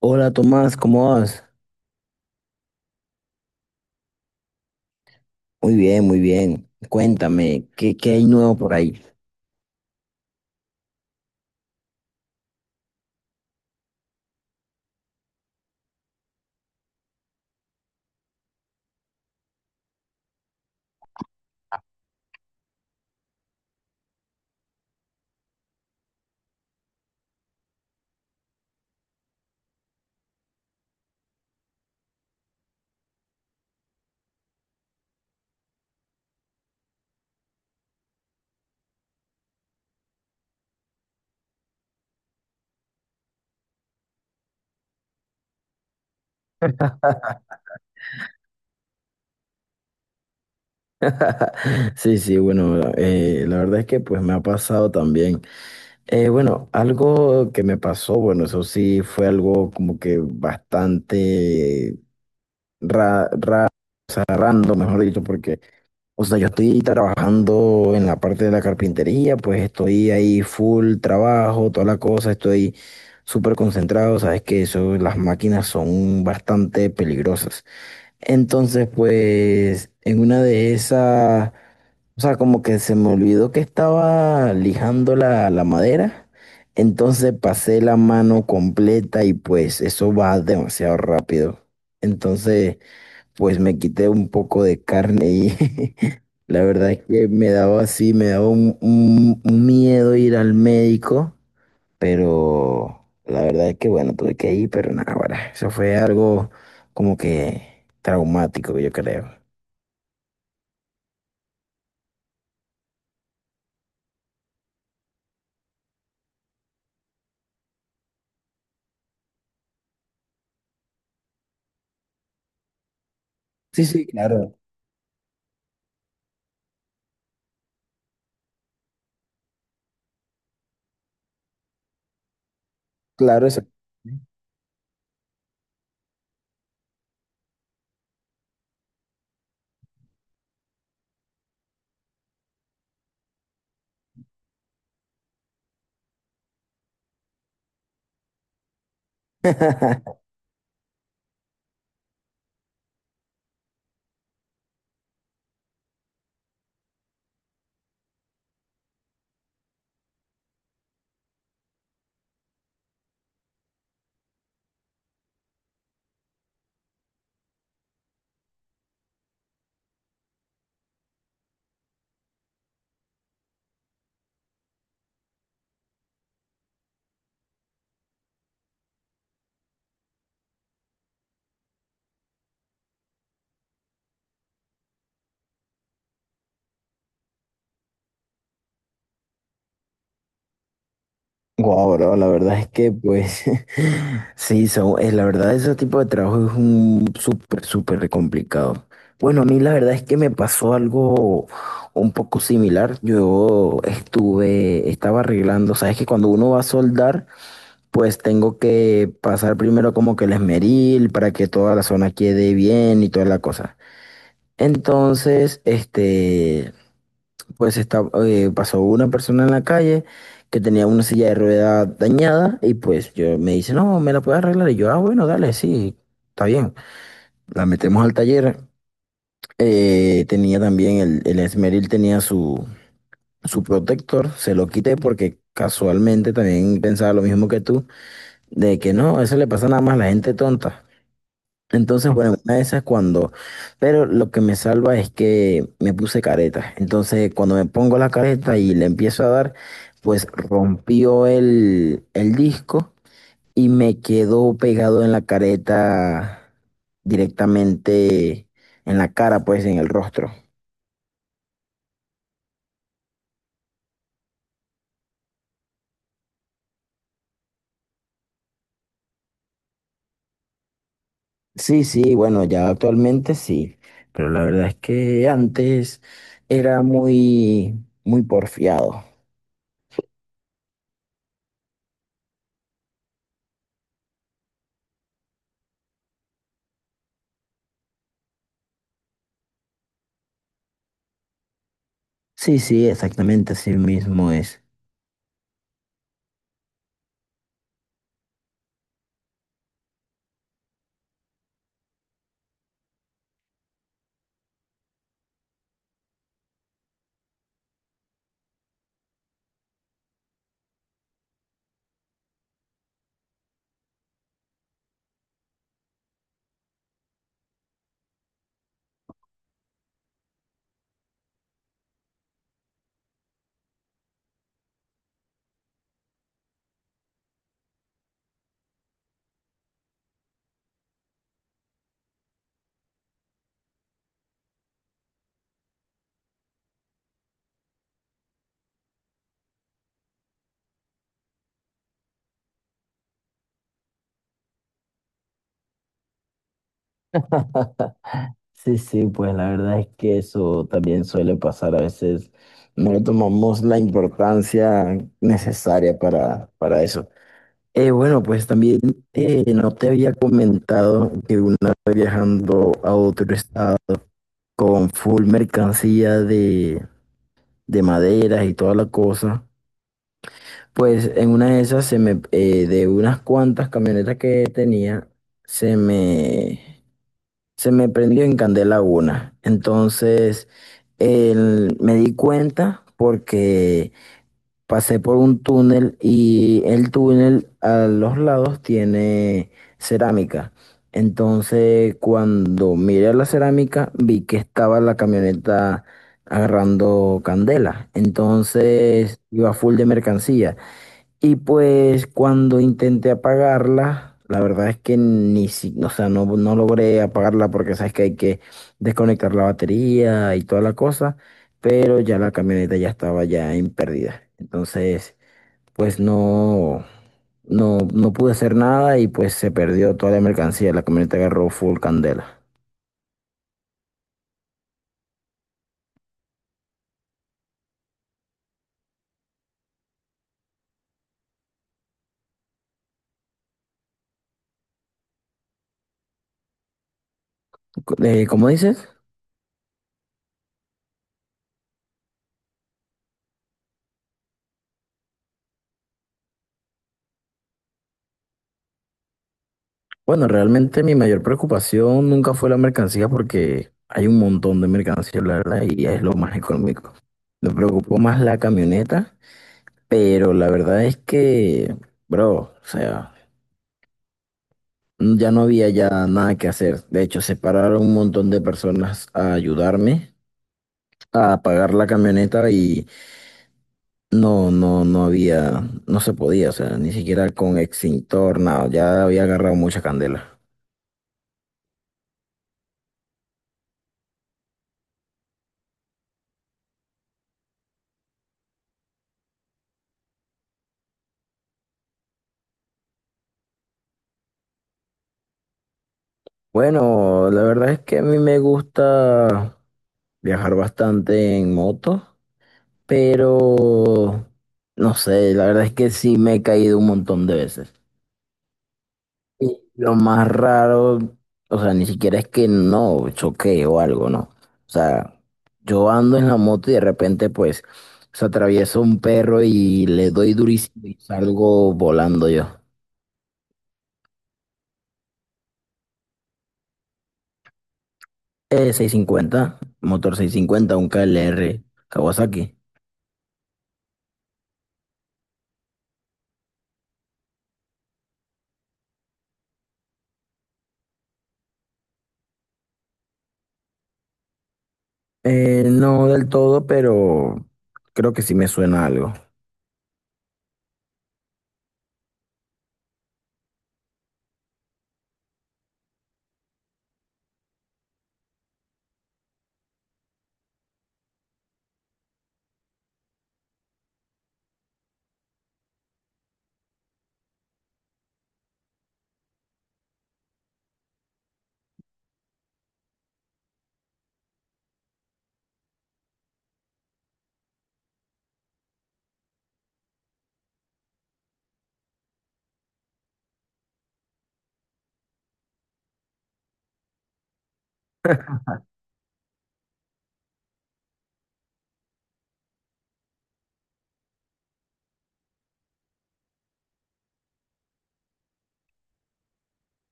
Hola Tomás, ¿cómo vas? Muy bien, muy bien. Cuéntame, ¿qué hay nuevo por ahí? Sí, sí, bueno, la verdad es que pues me ha pasado también. Bueno, algo que me pasó, bueno, eso sí fue algo como que bastante ra ra- random, mejor dicho, porque, o sea, yo estoy trabajando en la parte de la carpintería, pues estoy ahí full trabajo, toda la cosa, estoy súper concentrado. Sabes que eso, las máquinas son bastante peligrosas. Entonces, pues en una de esas, o sea, como que se me olvidó que estaba lijando la madera, entonces pasé la mano completa y pues eso va demasiado rápido. Entonces, pues me quité un poco de carne y la verdad es que me daba así, me daba un miedo ir al médico, pero la verdad es que bueno, tuve que ir, pero nada, ahora, eso fue algo como que traumático, yo creo. Sí, sí, claro, claro, eso. Wow, bro, la verdad es que pues sí, la verdad, ese tipo de trabajo es un súper, súper complicado. Bueno, a mí la verdad es que me pasó algo un poco similar. Yo estuve, estaba arreglando, sabes que cuando uno va a soldar, pues tengo que pasar primero como que el esmeril para que toda la zona quede bien y toda la cosa. Entonces, este, pues está, pasó una persona en la calle que tenía una silla de ruedas dañada y pues yo me dice, no, me la puedes arreglar. Y yo, ah, bueno, dale, sí, está bien. La metemos al taller. Tenía también el esmeril, tenía su, su protector, se lo quité porque casualmente también pensaba lo mismo que tú, de que no, eso le pasa nada más a la gente tonta. Entonces, bueno, una de esas cuando, pero lo que me salva es que me puse careta. Entonces, cuando me pongo la careta y le empiezo a dar, pues rompió el disco y me quedó pegado en la careta directamente en la cara, pues en el rostro. Sí, sí, bueno, ya actualmente sí, pero la verdad es que antes era muy, muy porfiado. Sí, sí, exactamente así mismo es. Sí, sí, pues la verdad es que eso también suele pasar. A veces no le tomamos la importancia necesaria para eso. Bueno, pues también no te había comentado que una vez viajando a otro estado con full mercancía de maderas y toda la cosa, pues en una de esas se me, de unas cuantas camionetas que tenía, se me se me prendió en candela una. Entonces, me di cuenta porque pasé por un túnel y el túnel a los lados tiene cerámica. Entonces, cuando miré la cerámica, vi que estaba la camioneta agarrando candela. Entonces, iba full de mercancía. Y pues cuando intenté apagarla, la verdad es que ni si, o sea, no, no logré apagarla porque sabes que hay que desconectar la batería y toda la cosa, pero ya la camioneta ya estaba ya en pérdida. Entonces, pues no, no, no pude hacer nada y pues se perdió toda la mercancía. La camioneta agarró full candela. ¿Cómo dices? Bueno, realmente mi mayor preocupación nunca fue la mercancía porque hay un montón de mercancía, la verdad, y es lo más económico. Me preocupó más la camioneta, pero la verdad es que, bro, o sea, ya no había ya nada que hacer. De hecho, se pararon un montón de personas a ayudarme a pagar la camioneta y no, no, no había, no se podía, o sea, ni siquiera con extintor, nada, ya había agarrado mucha candela. Bueno, la verdad es que a mí me gusta viajar bastante en moto, pero no sé, la verdad es que sí me he caído un montón de veces. Y lo más raro, o sea, ni siquiera es que no choqué o algo, no. O sea, yo ando en la moto y de repente pues se atraviesa un perro y le doy durísimo y salgo volando yo. 650, motor 650, un KLR Kawasaki. No del todo, pero creo que sí me suena algo.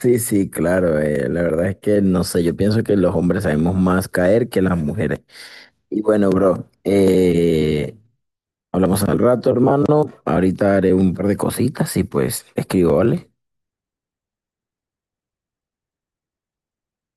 Sí, sí, claro. La verdad es que no sé, yo pienso que los hombres sabemos más caer que las mujeres. Y bueno, bro, hablamos al rato, hermano. Ahorita haré un par de cositas y pues te escribo, ¿vale?